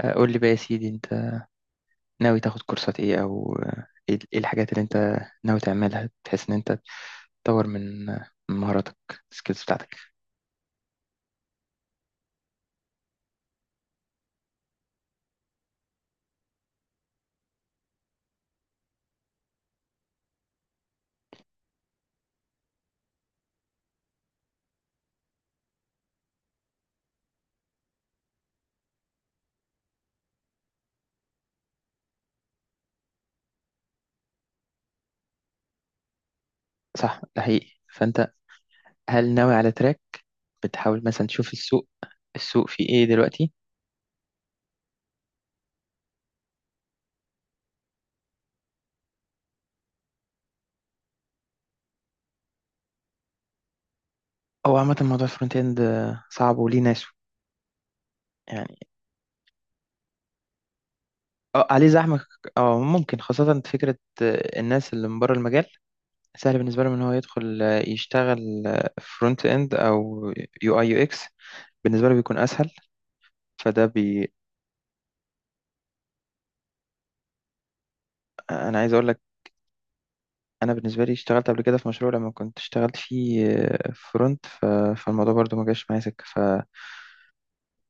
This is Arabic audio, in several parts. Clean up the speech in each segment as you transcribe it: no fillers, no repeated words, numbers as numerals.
قول لي بقى يا سيدي انت ناوي تاخد كورسات ايه او ايه الحاجات اللي انت ناوي تعملها بحيث ان انت تطور من من مهاراتك، السكيلز بتاعتك. صح، ده حقيقي. فانت هل ناوي على تراك؟ بتحاول مثلا تشوف السوق؟ السوق فيه ايه دلوقتي؟ او عامة موضوع الفرونت اند صعب وليه ناسه يعني. اه عليه زحمة، اه ممكن خاصة فكرة الناس اللي من بره المجال سهل بالنسبة لهم ان هو يدخل يشتغل فرونت اند او يو اي يو اكس، بالنسبة له بيكون اسهل. فده بي انا عايز اقول لك، انا بالنسبه لي اشتغلت قبل كده في مشروع لما كنت اشتغلت فيه فرونت فالموضوع برضو ما جاش معايا سكه ف...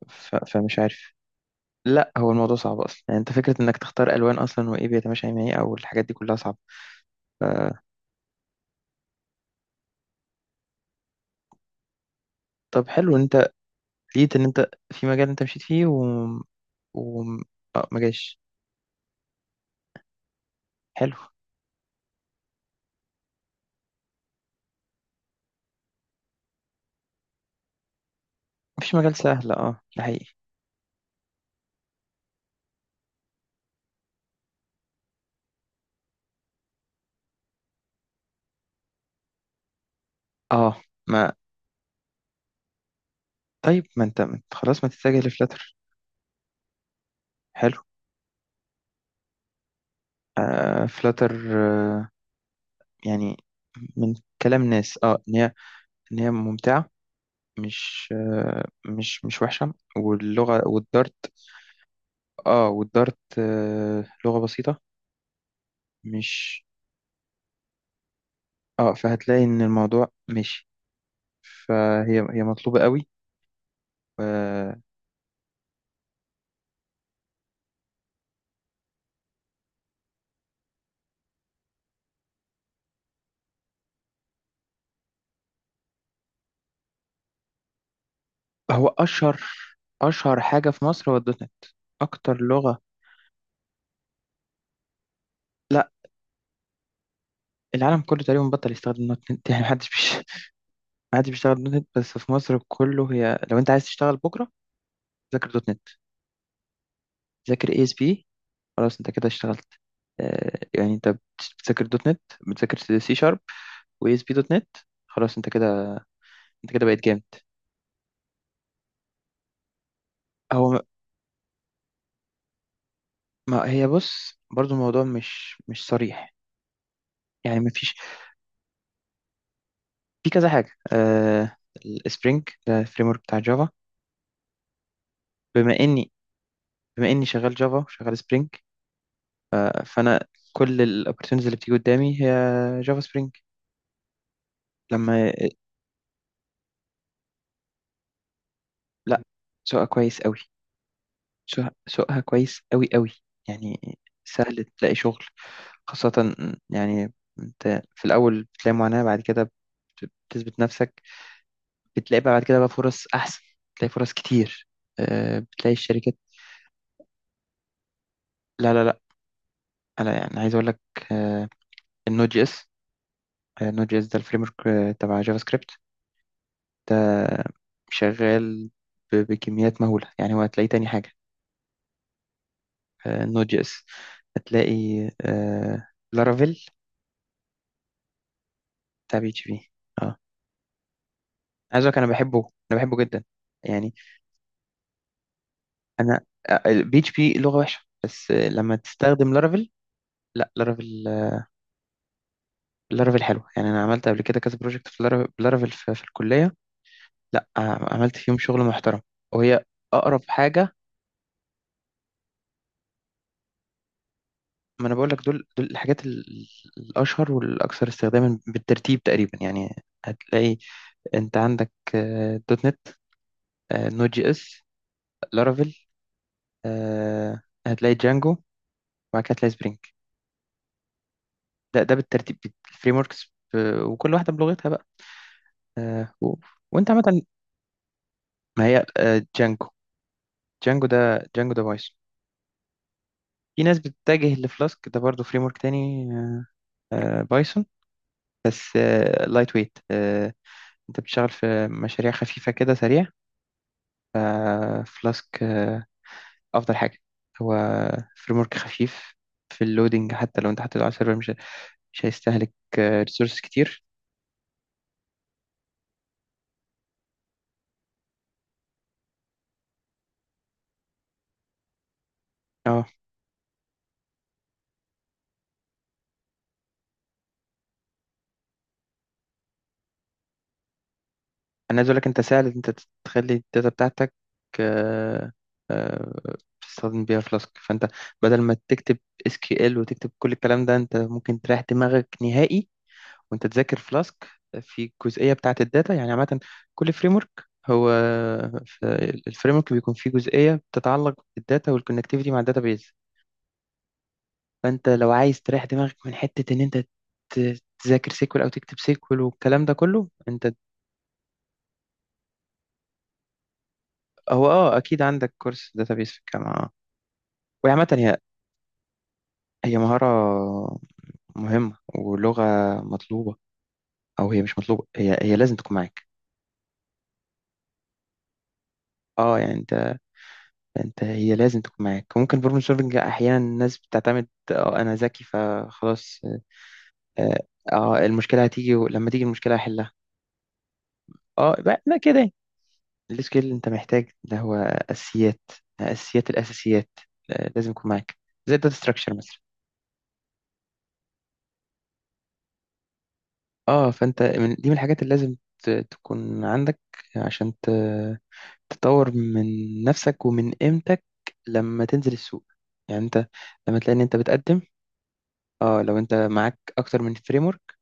ف... فمش عارف. لا، هو الموضوع صعب اصلا يعني. انت فكره انك تختار الوان اصلا وايه بيتماشى مع ايه او الحاجات دي كلها صعبه. ف... طب حلو، انت لقيت ان انت في مجال انت مشيت فيه و... آه ما جاش. حلو. مفيش مجال سهل، اه ده حقيقي. اه ما طيب، ما انت، خلاص ما تتجه لفلاتر. حلو، فلاتر، آه يعني من كلام ناس اه ان هي، ان هي ممتعه، مش آه، مش مش وحشه، واللغه والدارت. اه والدارت لغه بسيطه، مش اه. فهتلاقي ان الموضوع ماشي، فهي مطلوبه قوي، آه. هو اشهر، اشهر حاجه في مصر هو الدوت نت، اكتر لغه. لا، العالم كله تقريبا بطل يستخدم دوت نت، يعني محدش بيش... محدش بيشتغل دوت نت بس في مصر كله. هي لو انت عايز تشتغل بكره ذاكر دوت نت، ذاكر اي اس بي، خلاص انت كده اشتغلت. يعني انت بتذاكر دوت نت، بتذاكر سي شارب واس بي دوت نت، خلاص انت كده، انت كده بقيت جامد. هو ما ما- هي بص برضو، الموضوع مش مش صريح يعني. ما فيش، في كذا حاجه آه. السبرينج ده الفريم ورك بتاع جافا. بما اني بما اني شغال جافا وشغال سبرينج، فانا كل الاوبورتونيتيز اللي بتيجي قدامي هي جافا سبرينج. لما لا، سواء كويس قوي. سوقها كويس قوي قوي، يعني سهل تلاقي شغل. خاصة يعني انت في الأول بتلاقي معاناة، بعد كده بتثبت نفسك، بتلاقي بقى بعد كده بقى فرص أحسن، بتلاقي فرص كتير، بتلاقي الشركات. لا لا لا، أنا يعني عايز أقول لك، النود جي اس، النود جي اس ده الفريم ورك تبع جافا سكريبت. ده شغال بكميات مهولة، يعني هو هتلاقيه تاني حاجة، النود جي اس. هتلاقي لارافيل، تبع بي اتش بي. عايز اقولك انا بحبه، انا بحبه جدا يعني. انا بي اتش بي لغه وحشه، بس لما تستخدم لارافيل. لا، لارافيل، لارافيل حلو، يعني انا عملت قبل كده كذا بروجكت في لارافيل بلارافيل في الكليه. لا، عملت فيهم شغل محترم. وهي اقرب حاجه. ما انا بقول لك دول الحاجات الاشهر والاكثر استخداما بالترتيب تقريبا يعني. هتلاقي، انت عندك دوت نت، نود جي اس، لارافيل، آه، هتلاقي جانجو، وبعد كده هتلاقي سبرينج. ده بالترتيب الفريم وركس، وكل واحده بلغتها بقى، آه، و... وانت عامه. ما هي جانجو، جانجو ده جانجو ده بايثون. في ناس بتتجه لفلاسك، ده برضه فريم ورك تاني، بايثون، بس لايت ويت. انت بتشتغل في مشاريع خفيفه كده سريع، فلاسك افضل حاجه. هو فريم ورك خفيف في اللودينج، حتى لو انت حطيته على السيرفر مش هيستهلك ريسورس كتير. اه انا عايز اقول لك، انت سهل إن انت تخلي الداتا بتاعتك، آه، آه، تستخدم بيها فلاسك. فانت بدل ما تكتب اس كيو ال وتكتب كل الكلام ده، انت ممكن تريح دماغك نهائي وانت تذاكر فلاسك في الجزئيه بتاعه الداتا. يعني عامه كل فريم ورك، هو الفريم ورك بيكون فيه جزئيه بتتعلق بالداتا والكونكتيفيتي مع الداتا بيز. فانت لو عايز تريح دماغك من حته ان انت تذاكر سيكول او تكتب سيكول والكلام ده كله، انت. هو اه اكيد عندك كورس داتابيس في الجامعه. وهي عامة، هي هي مهارة مهمة ولغة مطلوبة، أو هي مش مطلوبة، هي هي لازم تكون معاك. اه يعني انت، انت هي لازم تكون معاك. ممكن بروبلم سولفنج احيانا الناس بتعتمد، اه انا ذكي فخلاص، اه. المشكله هتيجي، ولما تيجي المشكله هحلها. لا كده يعني. السكيل اللي انت محتاج ده هو اساسيات، اساسيات الاساسيات، لازم يكون معاك، زي الداتا ستراكشر مثلا. اه فانت من دي، من الحاجات اللي لازم تكون عندك، عشان ت تطور من نفسك ومن قيمتك لما تنزل السوق. يعني انت لما تلاقي ان انت بتقدم، اه لو انت معاك اكتر من فريم ورك،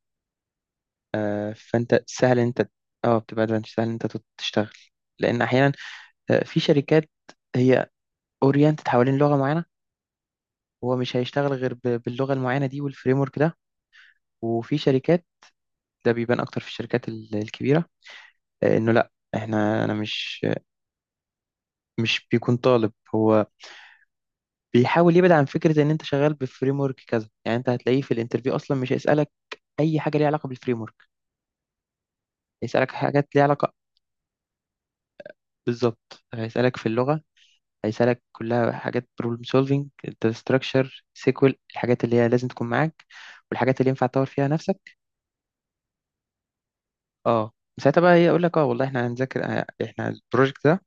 آه، فانت سهل ان انت، اه بتبقى ادفانتج، سهل ان انت تشتغل. لان احيانا في شركات هي اورينتد حوالين لغه معينه، هو مش هيشتغل غير باللغه المعينه دي والفريم ورك ده. وفي شركات ده بيبان اكتر في الشركات الكبيره، انه لا احنا انا مش، مش بيكون طالب، هو بيحاول يبعد عن فكره ان انت شغال بفريم ورك كذا. يعني انت هتلاقيه في الانترفيو اصلا مش هيسالك اي حاجه ليها علاقه بالفريم ورك، هيسالك حاجات ليها علاقه بالظبط. هيسالك في اللغه، هيسالك كلها حاجات: بروبلم سولفينج، داتا ستراكشر، سيكوال، الحاجات اللي هي لازم تكون معاك، والحاجات اللي ينفع تطور فيها نفسك. اه ساعتها بقى هي يقول لك، اه والله احنا هنذاكر احنا البروجكت ده.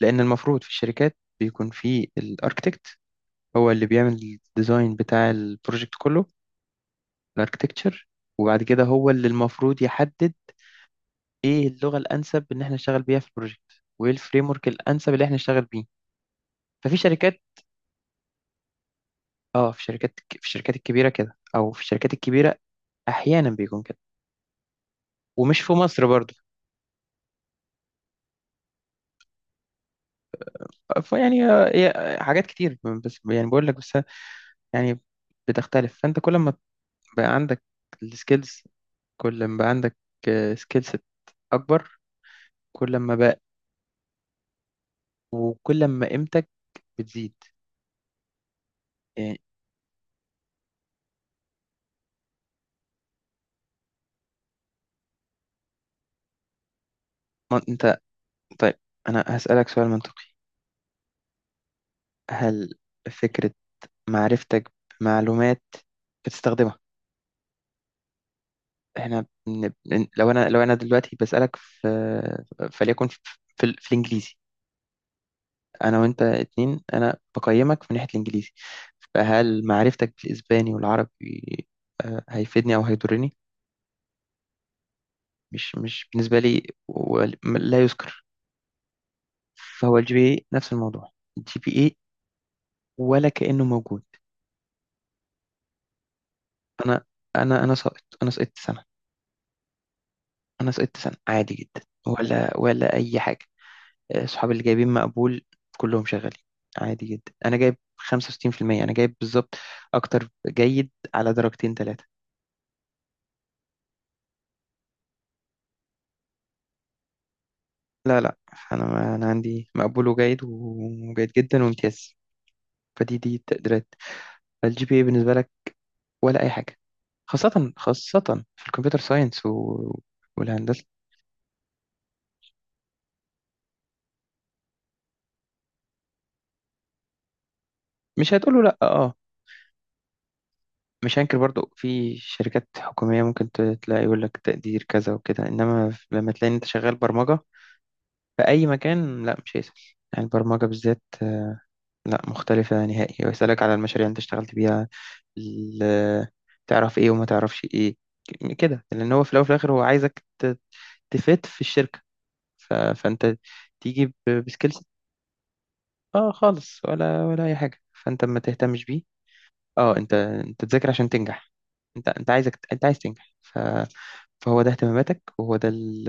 لان المفروض في الشركات بيكون في الاركتكت، هو اللي بيعمل الديزاين بتاع البروجكت كله، الاركتكتشر، وبعد كده هو اللي المفروض يحدد ايه اللغه الانسب ان احنا نشتغل بيها في البروجكت، وايه الفريم ورك الانسب اللي احنا نشتغل بيه. ففي شركات اه، في شركات، في الشركات الكبيره كده، او في الشركات الكبيره احيانا بيكون كده، ومش في مصر برضو. فيعني حاجات كتير، بس يعني بقول لك بس، يعني بتختلف. فانت كل ما بقى عندك السكيلز، كل ما بقى عندك سكيلز اكبر، كل ما بقى، وكل ما قيمتك بتزيد. يعني ما انت، طيب انا هسألك سؤال منطقي: هل فكرة معرفتك بمعلومات بتستخدمها، احنا لو انا، لو انا دلوقتي بسألك في، فليكن في الانجليزي، انا وانت اتنين، انا بقيمك من ناحية الانجليزي، فهل معرفتك بالاسباني والعربي هيفيدني او هيضرني؟ مش بالنسبة لي لا يذكر. فهو الجي بي اي نفس الموضوع، الجي بي اي ولا كأنه موجود. انا انا ساقط، انا سقطت سنة، انا سقطت سنة عادي جدا، ولا ولا اي حاجة. صحابي اللي جايبين مقبول كلهم شغالين عادي جدا. انا جايب 65%، انا جايب بالظبط اكتر جيد على درجتين ثلاثة. لا لا، انا عندي مقبول وجيد وجيد جدا وامتياز، فدي دي التقديرات. الجي بي اي بالنسبة لك ولا اي حاجة، خاصة خاصة في الكمبيوتر ساينس والهندسة. مش هتقوله لأ، اه. مش هنكر برضو في شركات حكومية ممكن تلاقي يقول لك تقدير كذا وكده، انما لما تلاقي إن انت شغال برمجة في أي مكان، لا مش هيسأل. يعني البرمجة بالذات لا، مختلفة نهائي. ويسألك على المشاريع اللي أنت اشتغلت بيها، ال- تعرف إيه وما تعرفش إيه كده. لأن هو في الأول وفي الآخر هو عايزك تفيد في الشركة. فأنت تيجي بسكيلز. آه خالص، ولا ولا أي حاجة، فأنت ما تهتمش بيه. آه أنت، أنت تذاكر عشان تنجح، أنت عايزك، أنت عايز تنجح. فهو ده اهتماماتك، وهو ده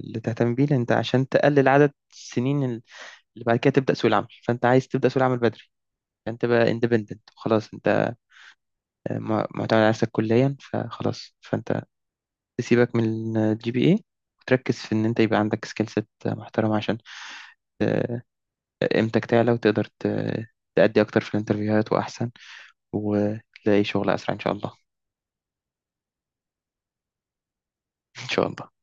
اللي تهتم بيه. لأن أنت عشان تقلل عدد السنين اللي بعد كده تبدأ سوق العمل، فأنت عايز تبدأ سوق العمل بدري، فأنت تبقى independent خلاص. أنت معتمد على نفسك كليا، فخلاص فأنت تسيبك من الجي بي اي، وتركز في إن أنت يبقى عندك سكيل سيت محترمة، عشان آه، قيمتك تعلى وتقدر تأدي أكتر في الانترفيوهات وأحسن، وتلاقي شغل أسرع إن شاء الله. إن شاء الله.